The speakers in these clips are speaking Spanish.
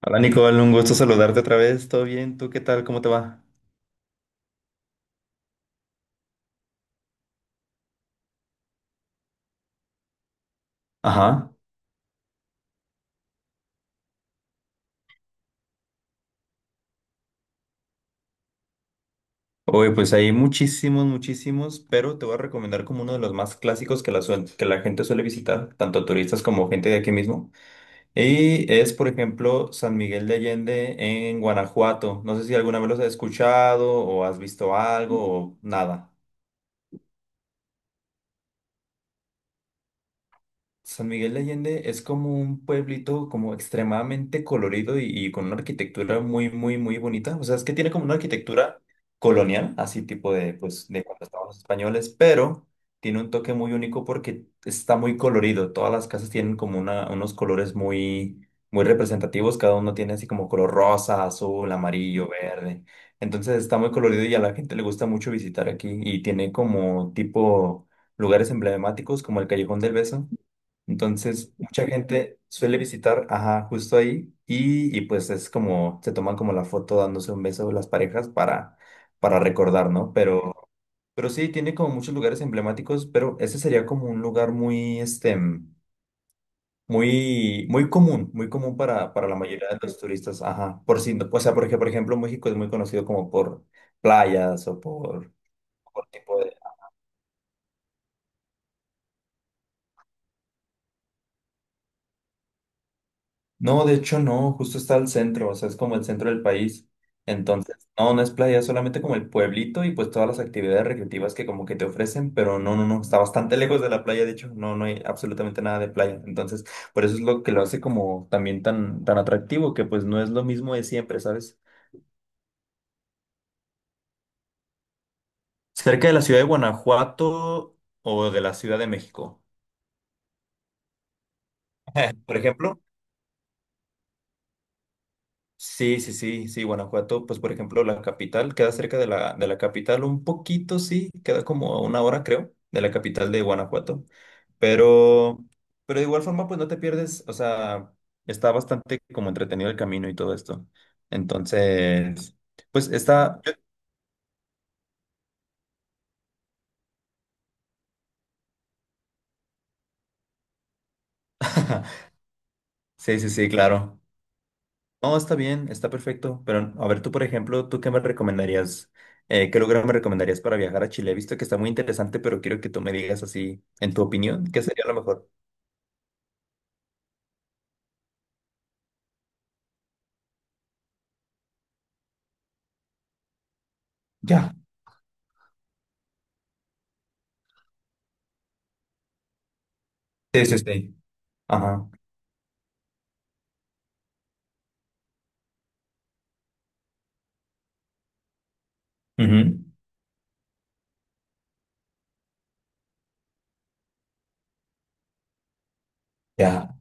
Hola Nicole, un gusto saludarte otra vez. ¿Todo bien? ¿Tú qué tal? ¿Cómo te va? Ajá. Oye, pues hay muchísimos, muchísimos, pero te voy a recomendar como uno de los más clásicos que que la gente suele visitar, tanto turistas como gente de aquí mismo. Y es, por ejemplo, San Miguel de Allende en Guanajuato. No sé si alguna vez los has escuchado o has visto algo o nada. San Miguel de Allende es como un pueblito como extremadamente colorido y con una arquitectura muy, muy, muy bonita. O sea, es que tiene como una arquitectura colonial, así tipo de, pues, de cuando estaban los españoles, pero tiene un toque muy único porque está muy colorido. Todas las casas tienen como una, unos colores muy, muy representativos. Cada uno tiene así como color rosa, azul, amarillo, verde. Entonces está muy colorido y a la gente le gusta mucho visitar aquí y tiene como tipo lugares emblemáticos como el Callejón del Beso. Entonces, mucha gente suele visitar, ajá, justo ahí y pues es como, se toman como la foto dándose un beso las parejas para recordar, ¿no? Pero sí, tiene como muchos lugares emblemáticos, pero ese sería como un lugar muy, este, muy, muy común para la mayoría de los turistas, ajá. Por si, O sea, porque, por ejemplo, México es muy conocido como por playas o por tipo de No, de hecho no, justo está al centro, o sea, es como el centro del país. Entonces, no, no es playa, es solamente como el pueblito y pues todas las actividades recreativas que como que te ofrecen, pero no, no, no, está bastante lejos de la playa, de hecho, no, no hay absolutamente nada de playa. Entonces, por eso es lo que lo hace como también tan, tan atractivo, que pues no es lo mismo de siempre, ¿sabes? Cerca de la ciudad de Guanajuato o de la Ciudad de México. Por ejemplo, sí, sí, sí, sí, Guanajuato, pues por ejemplo, la capital queda cerca de la capital, un poquito, sí, queda como a una hora, creo, de la capital de Guanajuato, pero, pero de igual forma, pues no te pierdes, o sea, está bastante como entretenido el camino y todo esto. Entonces, pues está, sí, sí, sí, claro. No, está bien, está perfecto. Pero a ver, tú, por ejemplo, ¿tú qué me recomendarías? ¿Qué lugar me recomendarías para viajar a Chile? He visto que está muy interesante, pero quiero que tú me digas así, en tu opinión, ¿qué sería lo mejor? Ya, sí, sí, sí. Ajá. Ujú. Ya.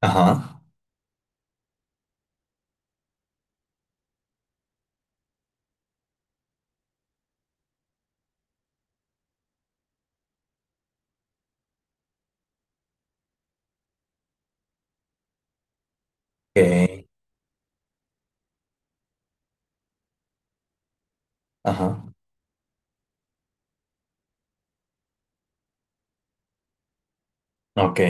Ajá. Ok. Ajá. Ok.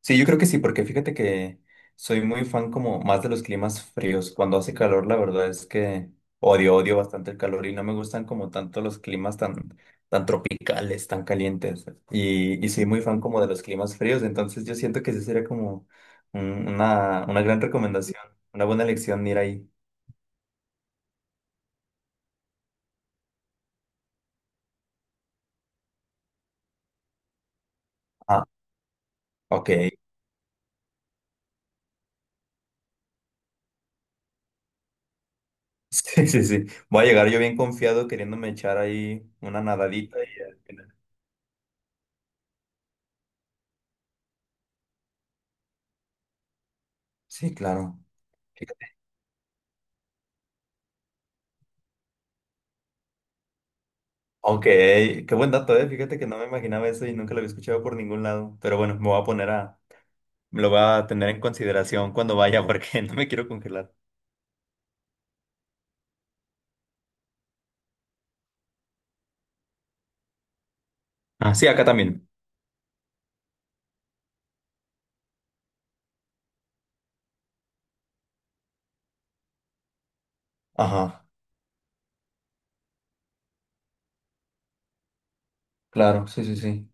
Sí, yo creo que sí, porque fíjate que soy muy fan como más de los climas fríos. Cuando hace calor, la verdad es que odio, odio bastante el calor y no me gustan como tanto los climas tan, tan tropicales, tan calientes. Y soy muy fan como de los climas fríos, entonces yo siento que esa sería como una gran recomendación, una buena elección, ir ahí. Ah, ok. Sí, sí, sí. Voy a llegar yo bien confiado queriéndome echar ahí una nadadita y al final- Sí, claro. Aunque, qué buen dato, fíjate que no me imaginaba eso y nunca lo había escuchado por ningún lado. Pero bueno, me lo voy a tener en consideración cuando vaya porque no me quiero congelar. Ah, sí, acá también. Ajá, claro, sí, sí, sí.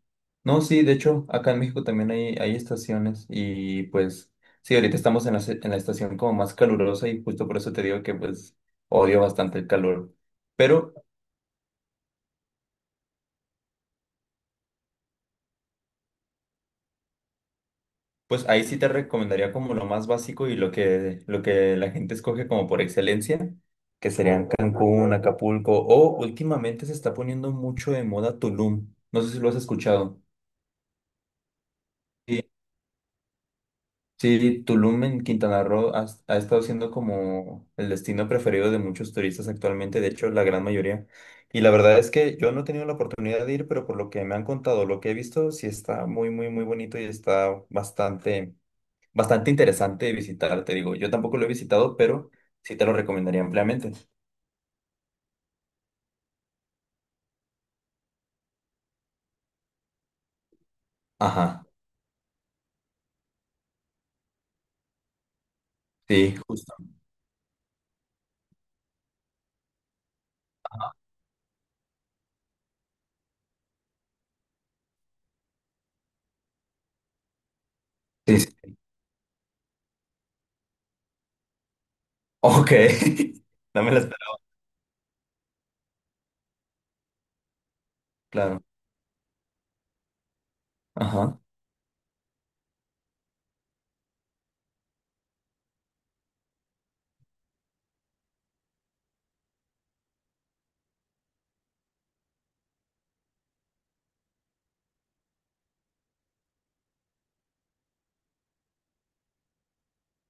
No, sí, de hecho, acá en México también hay estaciones y pues, sí, ahorita estamos en en la estación como más calurosa y justo por eso te digo que pues odio bastante el calor. Pero pues ahí sí te recomendaría como lo más básico y lo que la gente escoge como por excelencia, que serían Cancún, Acapulco o últimamente se está poniendo mucho de moda Tulum. No sé si lo has escuchado. Sí, sí, Tulum en Quintana Roo ha, ha estado siendo como el destino preferido de muchos turistas actualmente, de hecho la gran mayoría. Y la verdad es que yo no he tenido la oportunidad de ir, pero por lo que me han contado, lo que he visto, sí está muy, muy, muy bonito y está bastante bastante interesante visitar, te digo. Yo tampoco lo he visitado, pero sí te lo recomendaría ampliamente. Ajá, sí, justo. Sí, sí. Ok. No me la esperaba, claro. Ajá.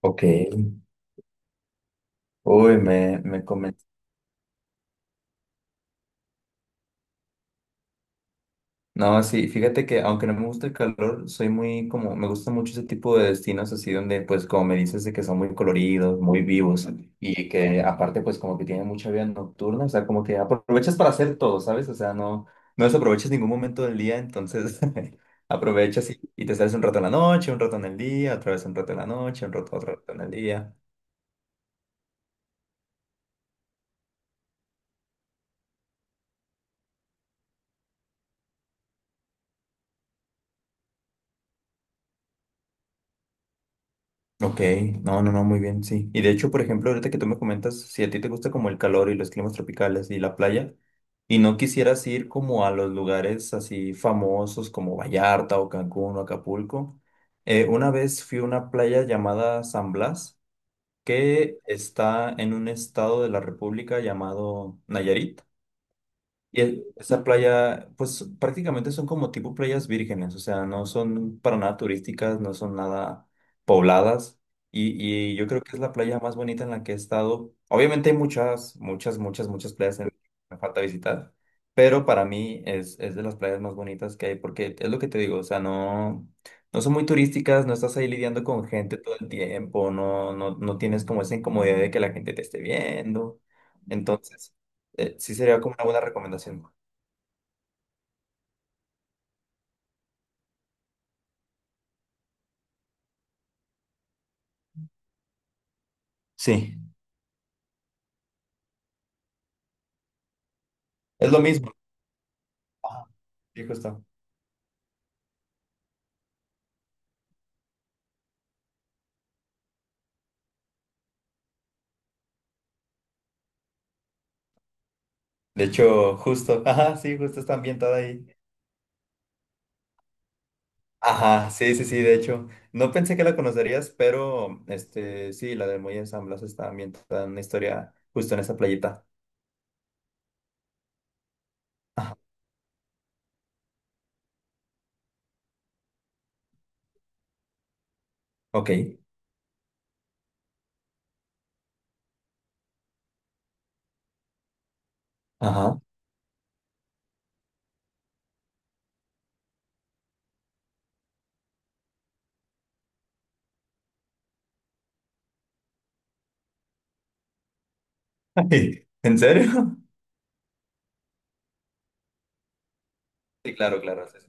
Ok. Uy, me No, sí, fíjate que aunque no me gusta el calor, soy muy como, me gusta mucho ese tipo de destinos así donde pues como me dices de que son muy coloridos, muy vivos y que aparte pues como que tienen mucha vida nocturna, o sea, como que aprovechas para hacer todo, ¿sabes? O sea, no, no desaprovechas ningún momento del día, entonces aprovechas y te sales un rato en la noche, un rato en el día, otra vez un rato en la noche, un rato, otro rato en el día. Ok, no, no, no, muy bien, sí. Y de hecho, por ejemplo, ahorita que tú me comentas, si a ti te gusta como el calor y los climas tropicales y la playa, y no quisieras ir como a los lugares así famosos como Vallarta o Cancún o Acapulco, una vez fui a una playa llamada San Blas, que está en un estado de la República llamado Nayarit. Y esa playa, pues prácticamente son como tipo playas vírgenes, o sea, no son para nada turísticas, no son nada pobladas. Y yo creo que es la playa más bonita en la que he estado. Obviamente hay muchas, muchas, muchas, muchas playas que me falta visitar, pero para mí es de las playas más bonitas que hay, porque es lo que te digo, o sea, no, no son muy turísticas, no estás ahí lidiando con gente todo el tiempo, no, no, no tienes como esa incomodidad de que la gente te esté viendo. Entonces... Sí sería como una buena recomendación. Sí. Es lo mismo. Ajá, sí, justo. De hecho, justo. Ajá, sí, justo está ambientada ahí. Ajá, sí, sí, sí, de hecho. No pensé que la conocerías, pero este, sí, la de Muelle de San Blas está ambientada en una historia justo en esa playita. Ajá, ok. Ajá. Ay, ¿en serio? Sí, claro, claro. Sí, sí.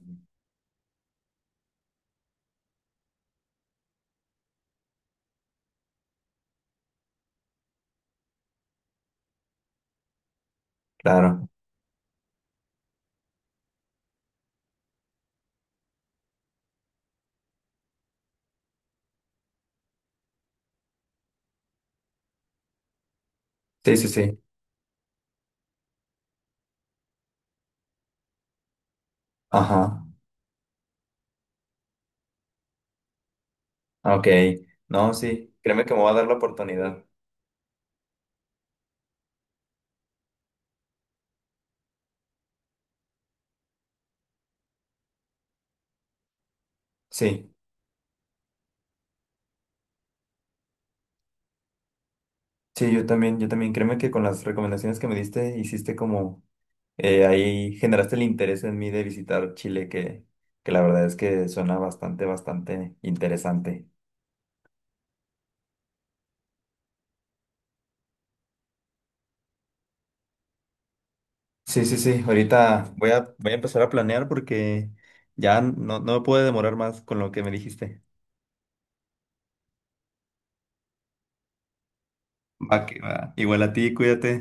Claro. Sí, sí, sí. Ajá. Ok. No, sí. Créeme que me va a dar la oportunidad. Sí. Sí, yo también, yo también. Créeme que con las recomendaciones que me diste, hiciste como, ahí generaste el interés en mí de visitar Chile, que la verdad es que suena bastante, bastante interesante. Sí, sí, sí. Ahorita voy a empezar a planear porque ya no, no me puedo demorar más con lo que me dijiste. Va que va. Igual a ti, cuídate.